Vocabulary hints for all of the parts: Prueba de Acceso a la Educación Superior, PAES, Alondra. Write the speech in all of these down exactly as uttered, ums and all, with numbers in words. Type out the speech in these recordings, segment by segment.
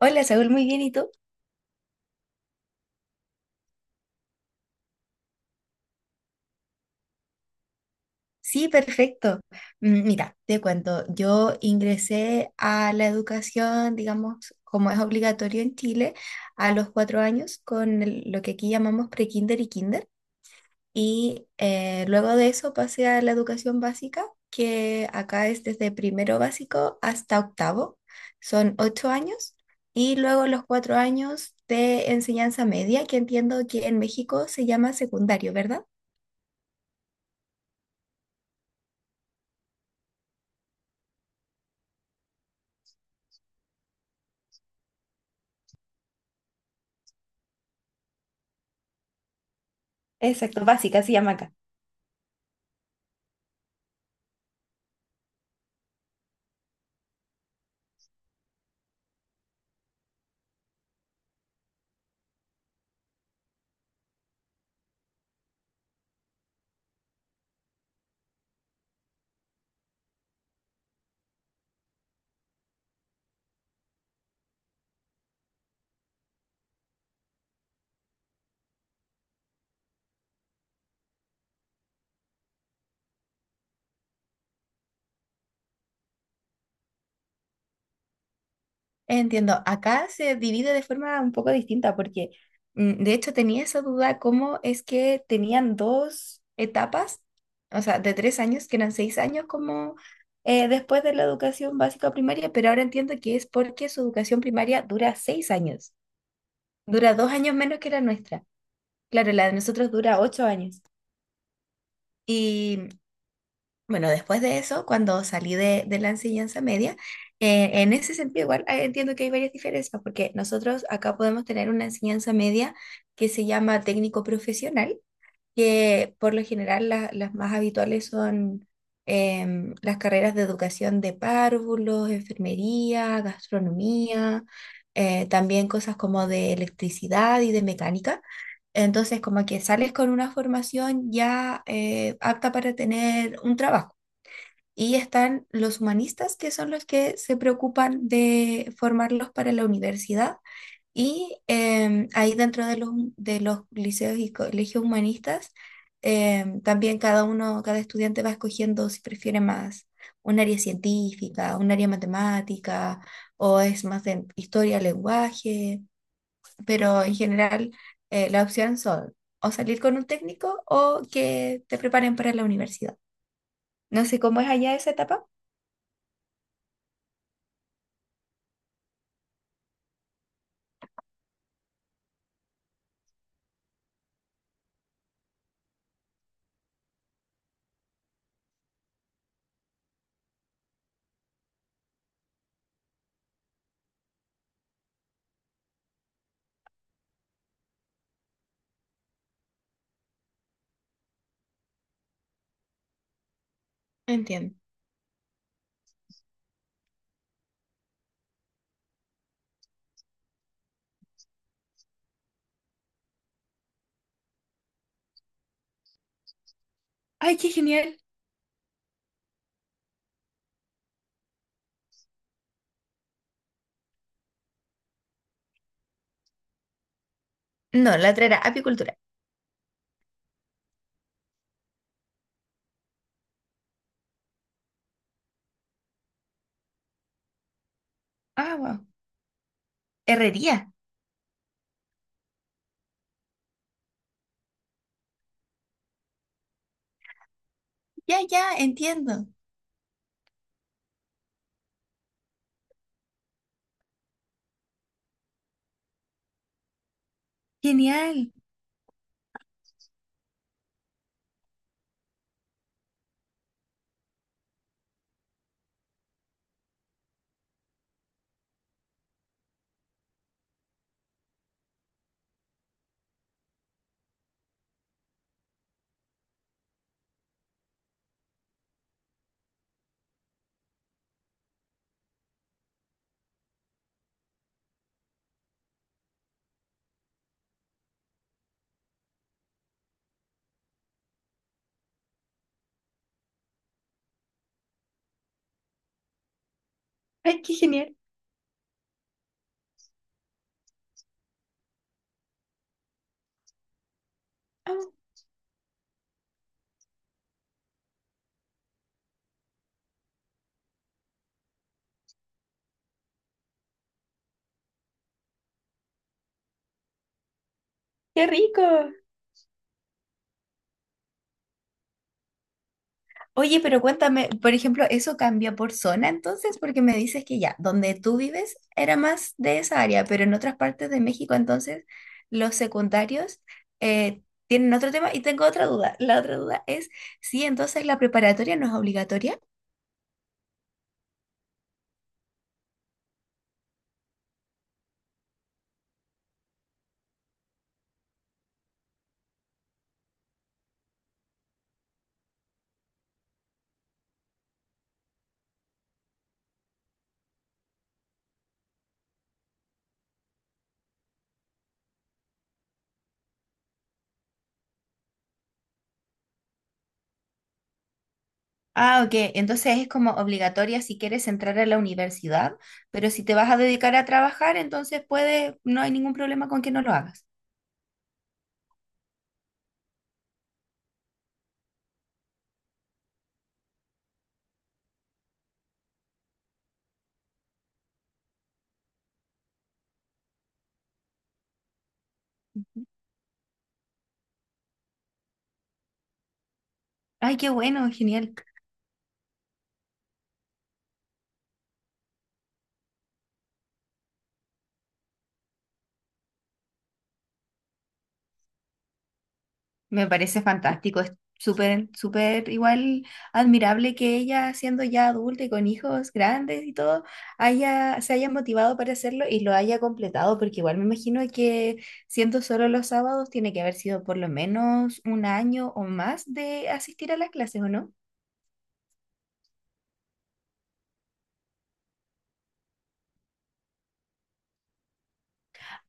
Hola, Saúl, muy bien, ¿y tú? Sí, perfecto. Mm, Mira, te cuento, yo ingresé a la educación, digamos, como es obligatorio en Chile, a los cuatro años con el- lo que aquí llamamos pre-kinder y kinder. Y eh, luego de eso pasé a la educación básica, que acá es desde primero básico hasta octavo, son ocho años. Y luego los cuatro años de enseñanza media, que entiendo que en México se llama secundario, ¿verdad? Exacto, básica se llama acá. Entiendo, acá se divide de forma un poco distinta porque mm, de hecho tenía esa duda cómo es que tenían dos etapas, o sea, de tres años, que eran seis años como eh, después de la educación básica primaria, pero ahora entiendo que es porque su educación primaria dura seis años, dura dos años menos que la nuestra. Claro, la de nosotros dura ocho años. Bueno, después de eso, cuando salí de, de la enseñanza media, eh, en ese sentido igual eh, entiendo que hay varias diferencias, porque nosotros acá podemos tener una enseñanza media que se llama técnico profesional, que por lo general la- las más habituales son em, las carreras de educación de párvulos, enfermería, gastronomía, eh, también cosas como de electricidad y de mecánica. Entonces, como que sales con una formación ya eh, apta para tener un trabajo. Y están los humanistas, que son los que se preocupan de formarlos para la universidad. Y em, ahí dentro de los, de los liceos y colegios humanistas, em, también cada uno, cada estudiante va escogiendo si prefiere más un área científica, un área matemática, o es más de historia, lenguaje. Pero en general, eh, la opción son o salir con un técnico o que te preparen para la universidad. No sé cómo es allá esa etapa. Entiendo. Ay, qué genial. No, la otra era apicultura. Ah, wow. Herrería. Ya, ya, entiendo. Genial. Ay, qué genial. Ah, qué rico. Oye, pero cuéntame, por ejemplo, ¿eso cambia por zona entonces? Porque me dices que ya, donde tú vives era más de esa área, pero en otras partes de México entonces los secundarios eh, tienen otro tema. Y tengo otra duda. La otra duda es sí, entonces la preparatoria no es obligatoria. Ah, ok. Entonces es como obligatoria si quieres entrar a la universidad, pero si te vas a dedicar a trabajar, entonces puedes, no hay ningún problema con que no lo hagas. Ay, qué bueno, genial. Me parece fantástico. Es súper, súper igual admirable que ella, siendo ya adulta y con hijos grandes y todo, haya, se haya motivado para hacerlo y lo haya completado, porque igual me imagino que siendo solo los sábados, tiene que haber sido por lo menos un año o más de asistir a las clases, ¿o no?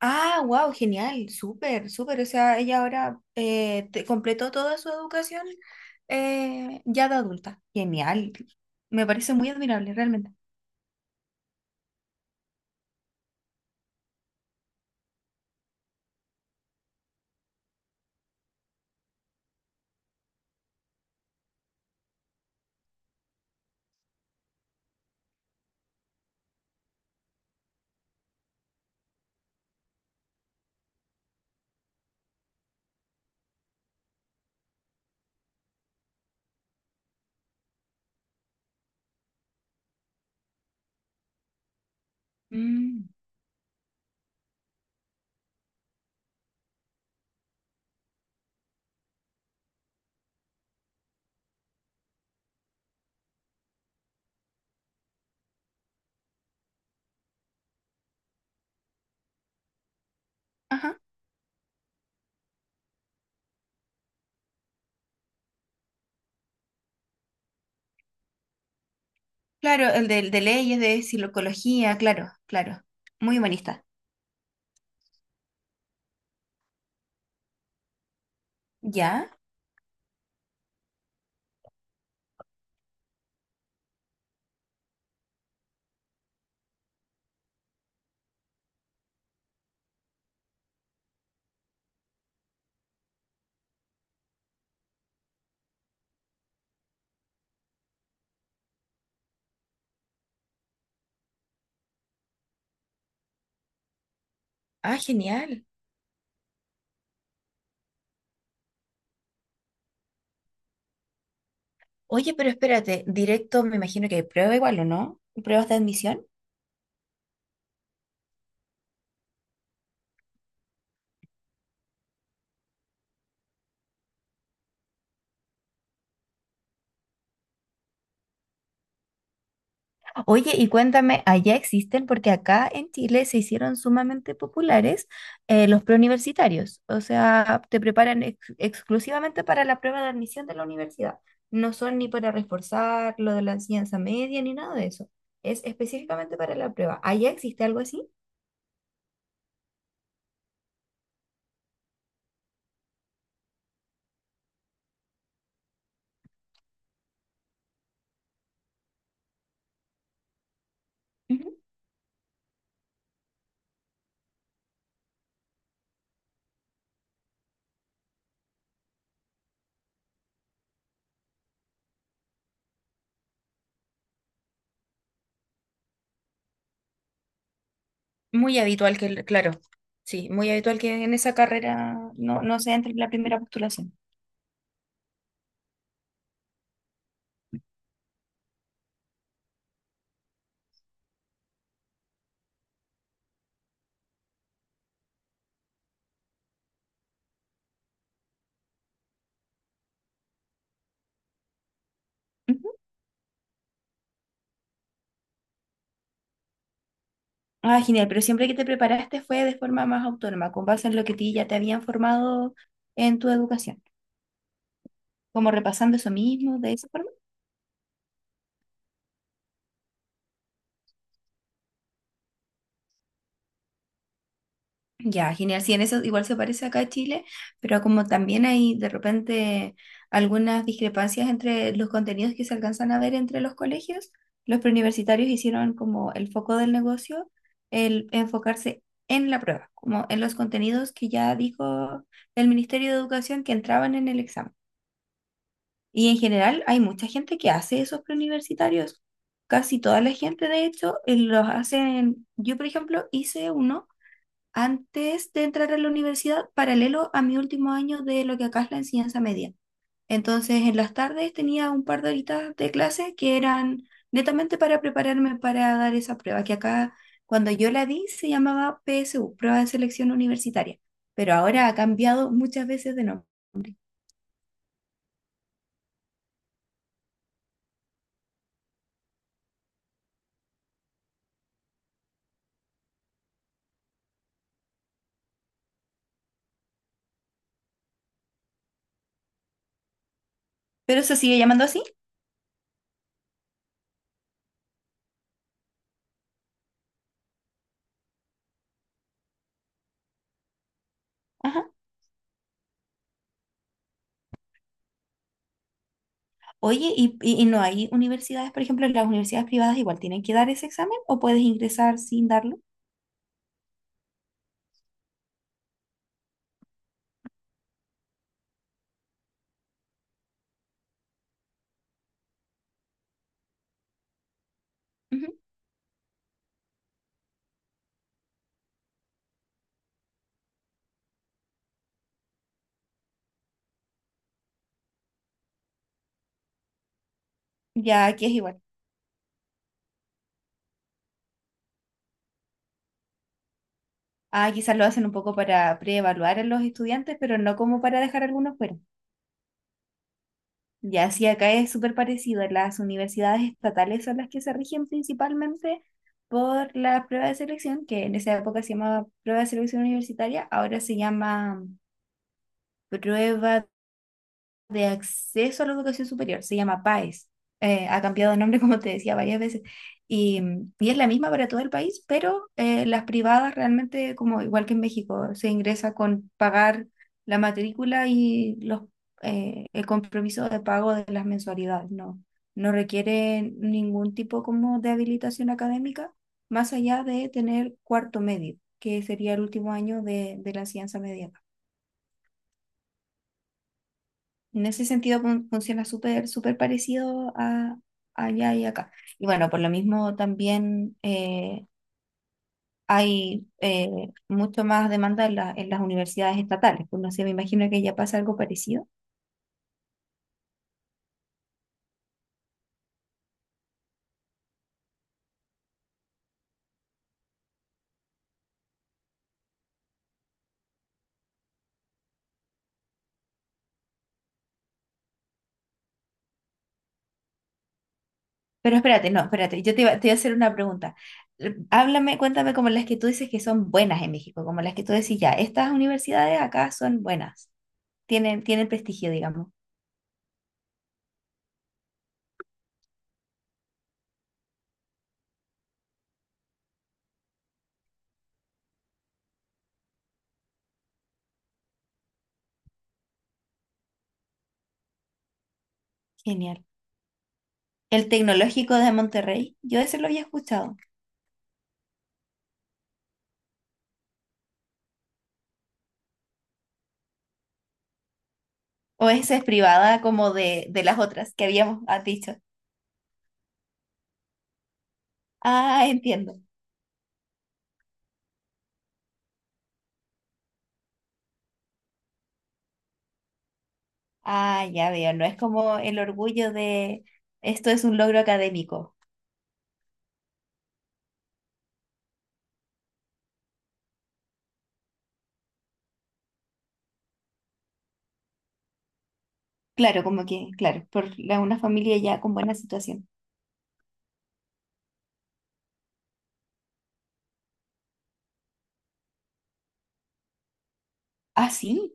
Ah, wow, genial, súper, súper. O sea, ella ahora eh, te- completó toda su educación eh, ya de adulta. Genial. Me parece muy admirable, realmente. Mm. Ajá. Claro, el de, de leyes, de psicología, claro, claro. Muy humanista. ¿Ya? Ah, genial. Oye, pero espérate, directo me imagino que hay prueba igual, ¿o no? ¿Pruebas de admisión? Oye, y cuéntame, ¿allá existen? Porque acá en Chile se hicieron sumamente populares eh, los preuniversitarios. O sea, te preparan ex- exclusivamente para la prueba de admisión de la universidad. No son ni para reforzar lo de la enseñanza media ni nada de eso. Es específicamente para la prueba. ¿Allá existe algo así? Ujú. Muy habitual que, el- claro, sí, muy habitual que en esa carrera no, no se entre en la primera postulación. Ah, genial, pero siempre que te preparaste fue de forma más autónoma, con base en lo que ti ya te habían formado en tu educación, como repasando eso mismo, de esa forma. Ya, genial, sí, en eso igual se parece acá a Chile, pero como también hay de repente algunas discrepancias entre los contenidos que se alcanzan a ver entre los colegios, los preuniversitarios hicieron como el foco del negocio, el enfocarse en la prueba, como en los contenidos que ya dijo el Ministerio de Educación que entraban en el examen. Y en general hay mucha gente que hace esos preuniversitarios. Casi toda la gente, de hecho, eh, los hacen. Yo, por ejemplo, hice uno antes de entrar a la universidad, paralelo a mi último año de lo que acá es la enseñanza media. Entonces, en las tardes tenía un par de horitas de clase que eran netamente para prepararme para dar esa prueba, que acá, cuando yo la di, se llamaba P S U, Prueba de Selección Universitaria. Pero ahora ha cambiado muchas veces de nombre. Pero se sigue llamando así. Ajá. Oye, y, y- y no hay universidades, por ejemplo, las universidades privadas igual tienen que dar ese examen o puedes ingresar sin darlo. Ujú. Ya, aquí es igual. Ah, quizás lo hacen un poco para preevaluar a los estudiantes, pero no como para dejar algunos fuera. Ya, sí, acá es súper parecido. Las universidades estatales son las que se rigen principalmente por la prueba de selección, que en esa época se llamaba prueba de selección universitaria, ahora se llama prueba de Acceso a la Educación Superior, se llama PAES. Eh, ha cambiado de nombre, como te decía, varias veces. Y, y es la misma para todo el país, pero eh, las privadas realmente, como igual que en México, se ingresa con pagar la matrícula y los, eh, el compromiso de pago de las mensualidades. No, no requiere ningún tipo como de habilitación académica, más allá de tener cuarto medio, que sería el último año de, de la enseñanza media. En ese sentido fun- funciona súper, súper parecido a allá y acá. Y bueno, por lo mismo también eh, hay eh, mucho más demanda en, la- en las universidades estatales. Pues no sé, me imagino que ya pasa algo parecido. Pero espérate, no, espérate, yo te iba, te iba a hacer una pregunta. Eh, Háblame, cuéntame como las que tú dices que son buenas en México, como las que tú decís ya, estas universidades acá son buenas, tienen, tienen prestigio, digamos. Genial. El tecnológico de Monterrey, yo ese lo había escuchado. O esa es privada como de, de las otras que habíamos has dicho. Ah, entiendo. Ah, ya veo. No es como el orgullo de esto es un logro académico. Claro, como que, claro, por la- una familia ya con buena situación. Ah, sí.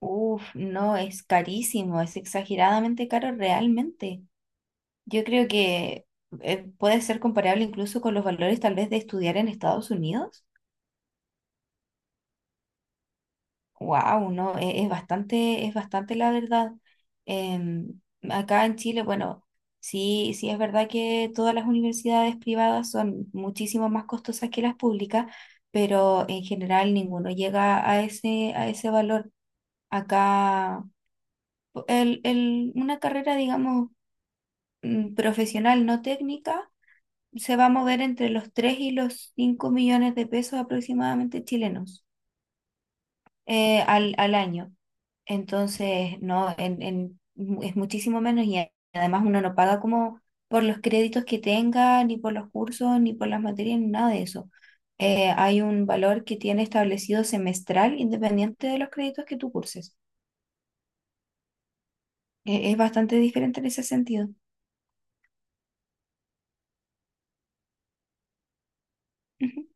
Uf, no, es carísimo, es exageradamente caro realmente. Yo creo que eh, puede ser comparable incluso con los valores tal vez de estudiar en Estados Unidos. Wow, no, e- es, bastante, es bastante la verdad. Em, Acá en Chile, bueno, sí, sí es verdad que todas las universidades privadas son muchísimo más costosas que las públicas, pero en general ninguno llega a ese, a ese valor. Acá po- el, el- una carrera, digamos, mm, profesional, no técnica, se va a mover entre los tres y los cinco millones de pesos aproximadamente chilenos. eh, al, al año. Entonces, no, en, en- mu- es muchísimo menos y a- además uno no paga como por los créditos que tenga, ni por los cursos, ni por las materias, ni nada de eso. Eh, hay un valor que tiene establecido semestral independiente de los créditos que tú curses. Eh, es bastante diferente en ese sentido. Ujú.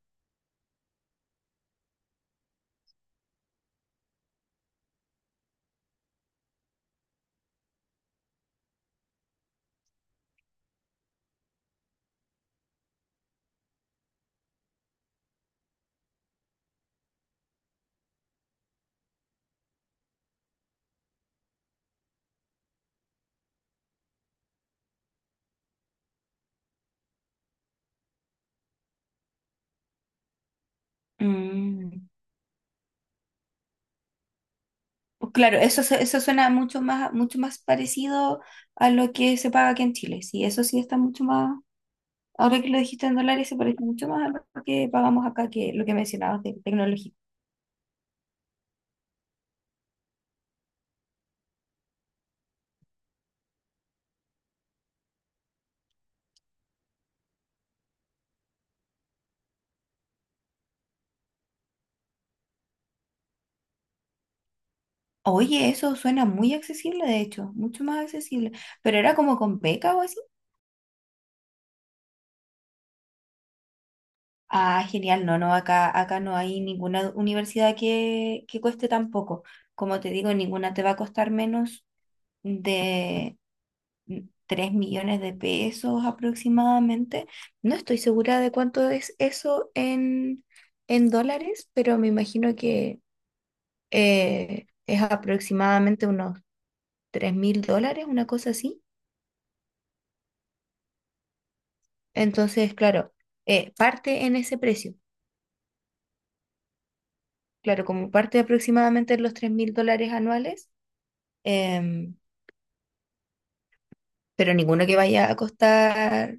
Mm, pues claro, eso, se- eso suena mucho más, mucho más parecido a lo que se paga aquí en Chile. Sí, eso sí está mucho más. Ahora que lo dijiste en dólares, se parece mucho más a lo que pagamos acá que lo que mencionabas de tecnología. Oye, eso suena muy accesible, de hecho, mucho más accesible. Pero era como con beca o así. Ah, genial, no, no, acá, acá no hay ninguna universidad que, que cueste tan poco. Como te digo, ninguna te va a costar menos de tres millones de pesos aproximadamente. No estoy segura de cuánto es eso en, en dólares, pero me imagino que eh, es aproximadamente unos tres mil dólares, una cosa así. Entonces, claro, eh, parte en ese precio. Claro, como parte aproximadamente en los tres mil dólares anuales, em, pero ninguno que vaya a costar,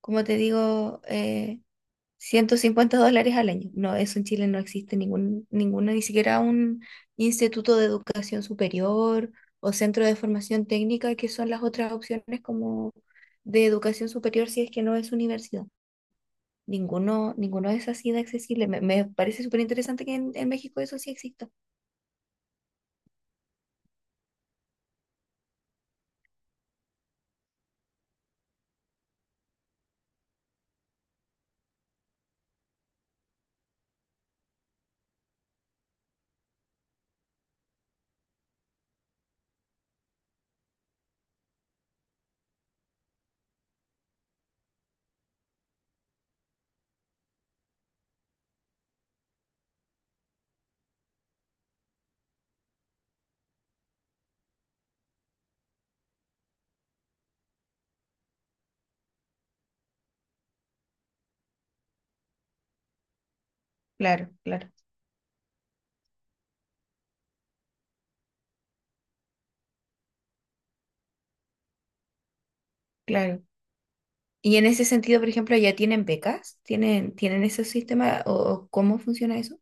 como te digo, eh, ciento cincuenta dólares al año. No, eso en Chile no existe ningún, ninguno, ni siquiera un instituto de educación superior o centro de formación técnica, que son las otras opciones como de educación superior si es que no es universidad. Ninguno, ninguno es así de accesible. Me, me parece súper interesante que en, en México eso sí exista. Claro, claro, claro. Y en ese sentido, por ejemplo, ¿ya tienen becas? ¿Tienen, ¿tienen ese sistema o o cómo funciona eso?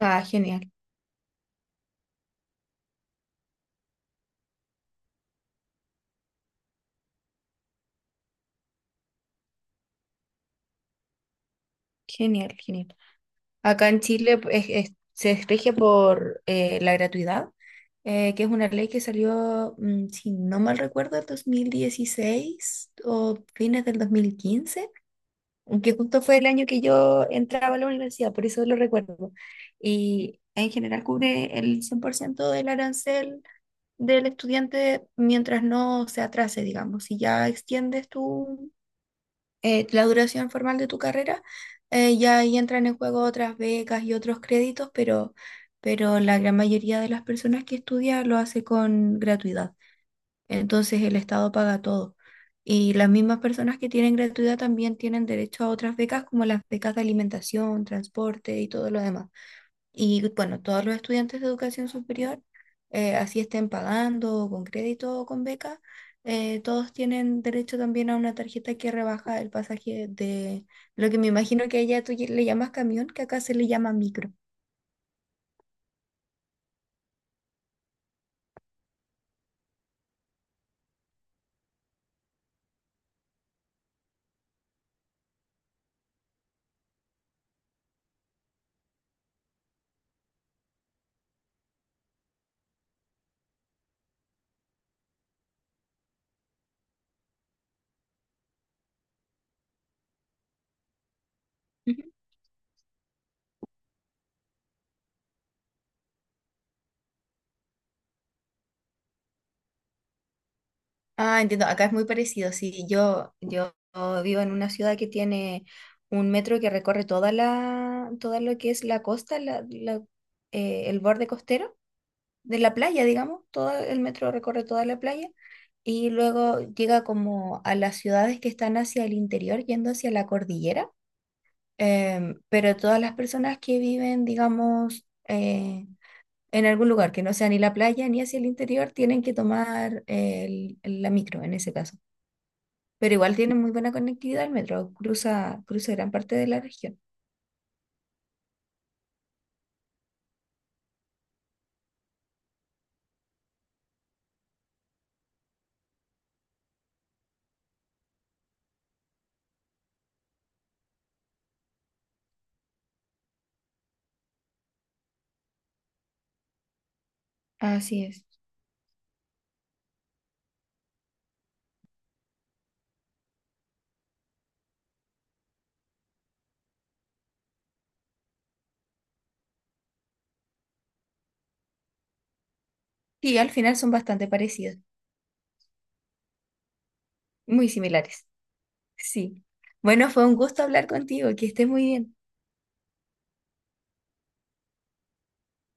Ah, genial, genial, genial. Acá en Chile pues, es- se rige por eh, la gratuidad, eh, que es una ley que salió, mm, si no mal recuerdo, el dos mil dieciséis o fines del dos mil quince que justo fue el año que yo entraba a la universidad, por eso lo recuerdo. Y en general cubre el cien por ciento del arancel del estudiante mientras no se atrase, digamos. Si ya extiendes tu eh, la duración formal de tu carrera, eh, ya ahí entran en juego otras becas y otros créditos, pero, pero la gran mayoría de las personas que estudia lo hace con gratuidad. Entonces el Estado paga todo. Y las mismas personas que tienen gratuidad también tienen derecho a otras becas como las becas de alimentación, transporte y todo lo demás. Y bueno, todos los estudiantes de educación superior, eh, así estén pagando o con crédito o con beca, eh, todos tienen derecho también a una tarjeta que rebaja el pasaje de lo que me imagino que allá tú le llamas camión, que acá se le llama micro. Ujú. Ah, entiendo, acá es muy parecido. Sí, yo, yo vivo en una ciudad que tiene un metro que recorre toda la, todo lo que es la costa, la- la- eh, el borde costero de la playa, digamos. Todo el metro recorre toda la playa y luego llega como a las ciudades que están hacia el interior, yendo hacia la cordillera. Em, pero todas las personas que viven, digamos, eh, en algún lugar que no sea ni la playa ni hacia el interior, tienen que tomar el- la micro en ese caso. Pero igual tienen muy buena conectividad, el metro cruza, cruza gran parte de la región. Así es. Sí, al final son bastante parecidas, muy similares. Sí. Bueno, fue un gusto hablar contigo, que estés muy bien.